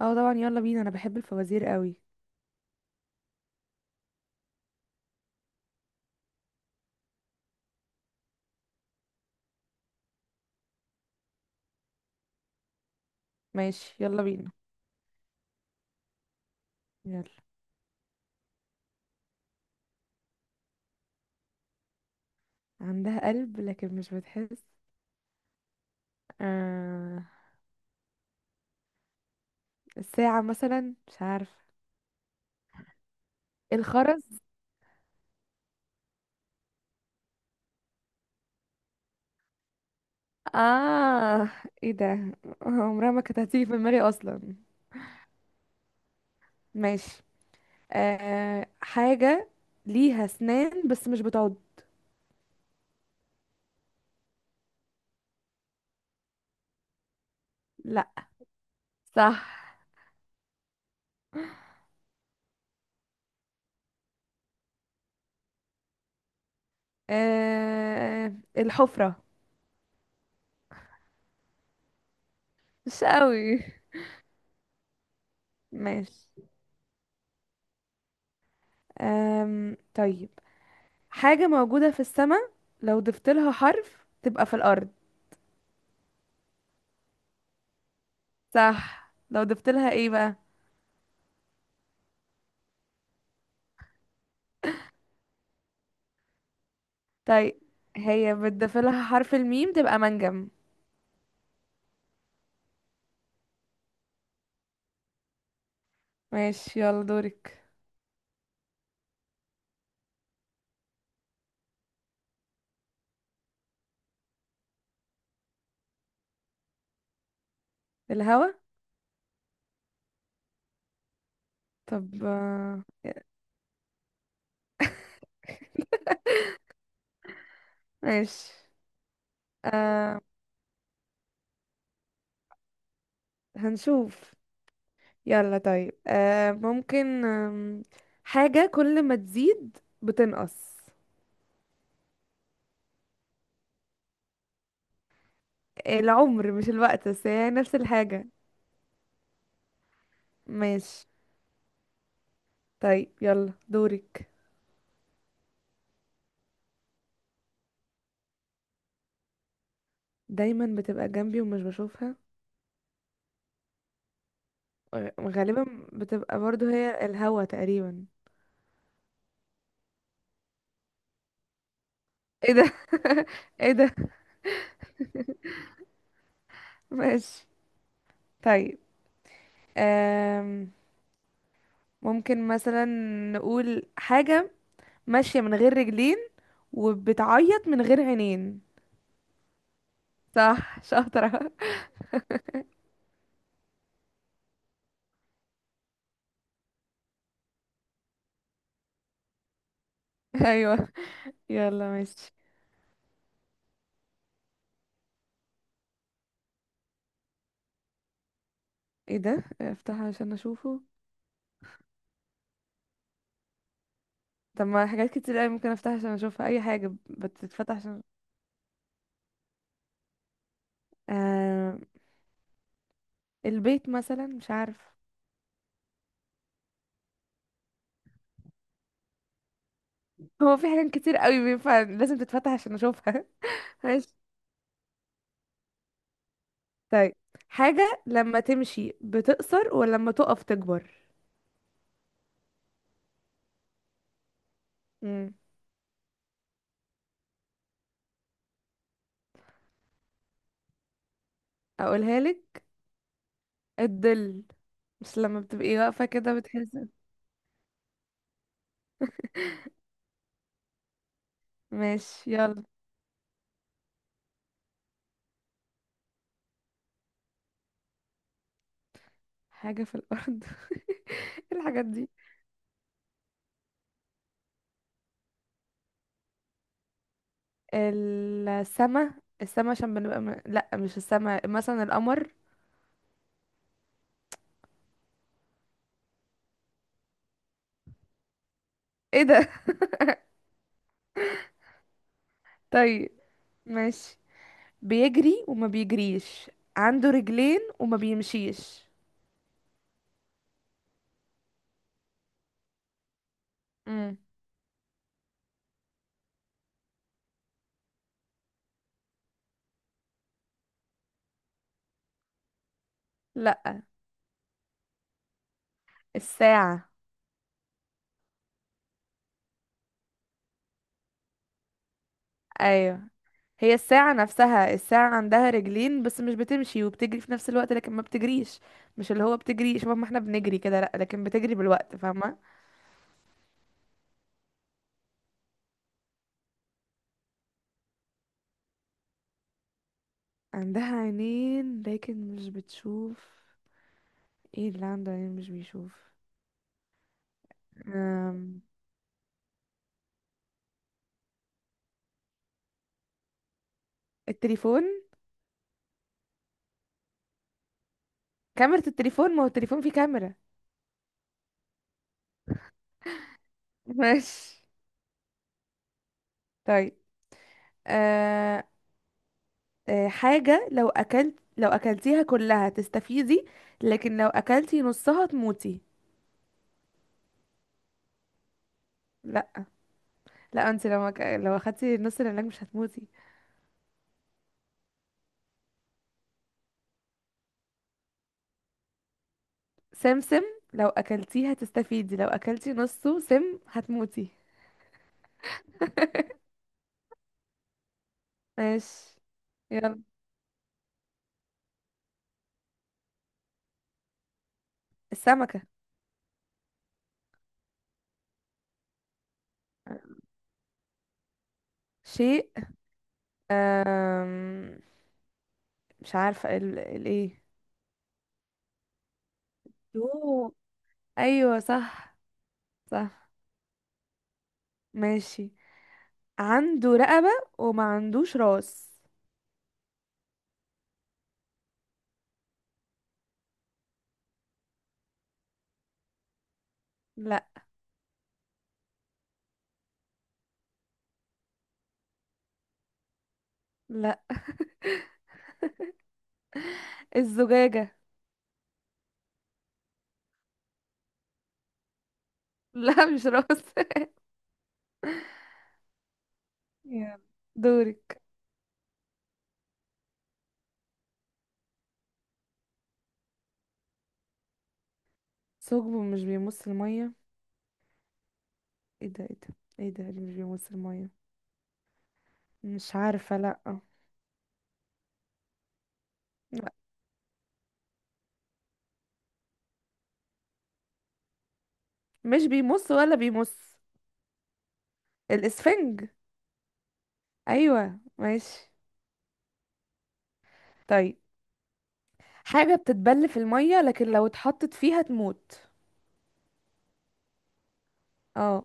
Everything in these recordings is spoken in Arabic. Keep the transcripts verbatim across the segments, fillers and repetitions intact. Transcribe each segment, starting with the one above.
اه، طبعا يلا بينا، انا بحب الفوازير قوي. ماشي، يلا بينا. يلا. عندها قلب لكن مش بتحس؟ آه. الساعة مثلا، مش عارفة. الخرز. اه، ايه ده، عمرها ما كانت هتيجي في دماغي اصلا. ماشي. آه حاجة ليها اسنان بس مش بتعض؟ لا. صح. آه الحفرة. مش قوي. ماشي. آم طيب. حاجة موجودة في السماء، لو ضفت لها حرف تبقى في الأرض. صح، لو ضفت لها ايه بقى؟ طيب. هي بتضيف لها حرف الميم تبقى منجم. ماشي، يلا دورك. الهوا. طب آه، ماشي. آه هنشوف. يلا، طيب، آه ممكن، آم، حاجة كل ما تزيد بتنقص. العمر، مش الوقت، بس هي نفس الحاجة. ماشي. طيب، يلا دورك. دايما بتبقى جنبي ومش بشوفها. غ- غالبا بتبقى برضو هي الهوا تقريبا. ايه ده. ايه ده. ماشي. طيب. أم... ممكن مثلا نقول حاجة ماشية من غير رجلين وبتعيط من غير عينين. صح، شاطرة. ايوه، يلا ماشي. ايه ده؟ افتحها عشان اشوفه؟ طب ما حاجات كتير قوي ممكن افتحها عشان اشوفها، اي حاجة بتتفتح عشان. أم... البيت مثلا، مش عارف. هو في حاجات كتير قوي بينفع لازم تتفتح عشان اشوفها. ماشي. طيب، حاجة لما تمشي بتقصر ولما تقف تكبر. امم. اقولها لك. الظل. مش لما بتبقي واقفة كده بتحسي. ماشي، يلا. حاجة في الأرض، إيه الحاجات دي؟ السما. السما عشان بنبقى م... لا، مش السما، مثلا القمر. ايه ده. طيب، ماشي. بيجري وما بيجريش، عنده رجلين وما بيمشيش. امم. لا. الساعة. ايوه. هي الساعة نفسها، الساعة عندها رجلين بس مش بتمشي، وبتجري في نفس الوقت لكن ما بتجريش. مش اللي هو بتجري شبه ما احنا بنجري كده، لأ، لكن بتجري بالوقت، فاهمة. عندها عينين لكن مش بتشوف. ايه اللي عنده عينين مش بيشوف؟ أم... التليفون. كاميرا التليفون، ما هو التليفون فيه كاميرا. ماشي. طيب. أه... أه... حاجة لو أكلت لو أكلتيها كلها تستفيدي، لكن لو أكلتي نصها تموتي. لأ، لأ، انت لو أك... لو أخدتي نص العلاج مش هتموتي. سمسم، لو اكلتيه هتستفيدي، لو اكلتي نصه سم هتموتي. ماشي، يلا. السمكة. شيء. أم... مش عارفة ال... الايه. يوه. ايوه، صح، صح. ماشي. عنده رقبة وما عندوش راس. لا. لا. الزجاجة. لا، مش راس. يلا، دورك. ثقب مش بيمص المية. ايه ده، ايه ده، ايه ده اللي مش بيمص المية؟ مش عارفة، لا. مش بيمص ولا بيمص. الاسفنج. ايوه، ماشي. طيب، حاجة بتتبل في المية لكن لو اتحطت فيها تموت. اه،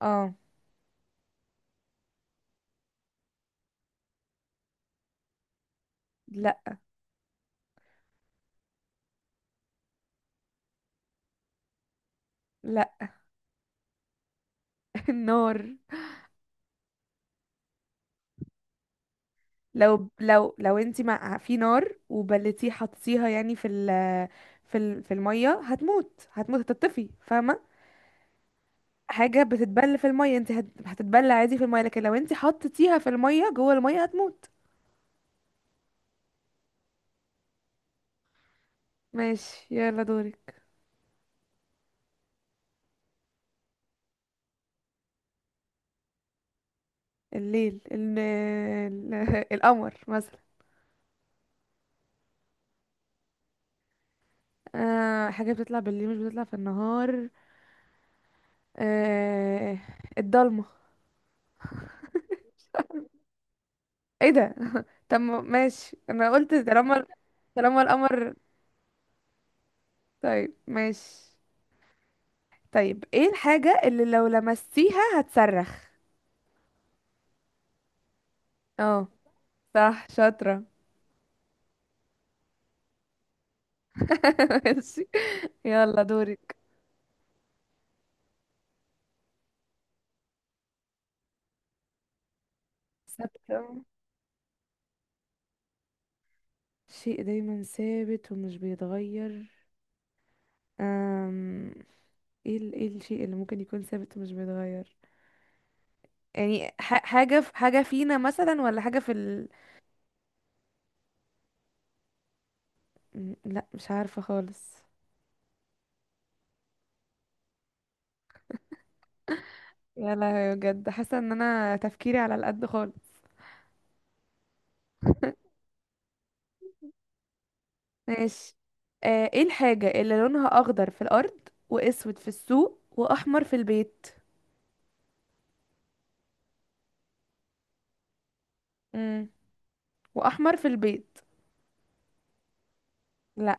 اه. لا، لا. النار. لو لو لو انتي مع في نار، وبلتيه حطيتيها يعني في ال في ال في المية هتموت، هتموت، هتطفي، فاهمة. حاجة بتتبل في المية، انت هت- هتتبل عادي في المية، لكن لو انتي حطيتيها في المية جوه المية هتموت. ماشي، يلا دورك. الليل ال ال- القمر مثلا. آه حاجة بتطلع بالليل مش بتطلع في النهار. آه الضلمة. ايه ده. طب ما- ماشي، انا قلت طالما. طالما القمر. طيب، ماشي. طيب، ايه الحاجة اللي لو لمستيها هتصرخ؟ اه. صح، شاطرة. ماشي، يلا دورك. ثابتة. شيء دايما ثابت ومش بيتغير. أم... ايه ال... ايه الشيء اللي ممكن يكون ثابت ومش بيتغير. يعني ح... حاجة في حاجة فينا مثلا، ولا حاجة في. م- لا، مش عارفة خالص. يا لهوي، بجد حاسة ان انا تفكيري على القد خالص. ماشي. آه ايه الحاجة اللي لونها اخضر في الارض، واسود في السوق، واحمر في البيت؟ امم واحمر في البيت. لا،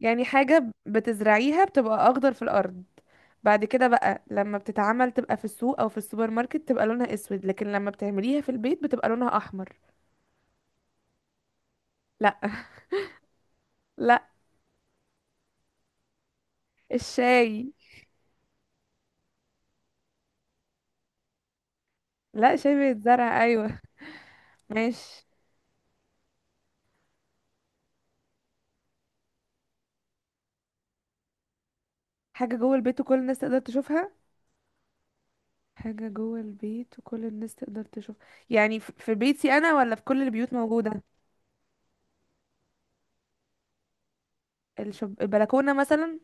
يعني حاجة ب- بتزرعيها، بتبقى اخضر في الارض، بعد كده بقى لما بتتعمل تبقى في السوق او في السوبر ماركت تبقى لونها اسود، لكن لما بتعمليها في البيت بتبقى لونها احمر. لا. لا. الشاي. لا، شاي بيتزرع، ايوه. ماشي. حاجة جوه البيت وكل الناس تقدر تشوفها. حاجة جوه البيت وكل الناس تقدر تشوف. يعني ف- في بيتي أنا ولا في كل البيوت موجودة. الشب... البلكونة مثلا.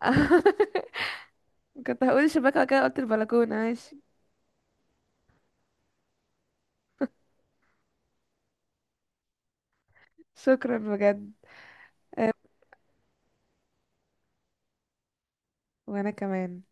كنت هقول الشباك وبعد كده قلت البلكونة. ماشي. شكرا بجد. وأنا كمان.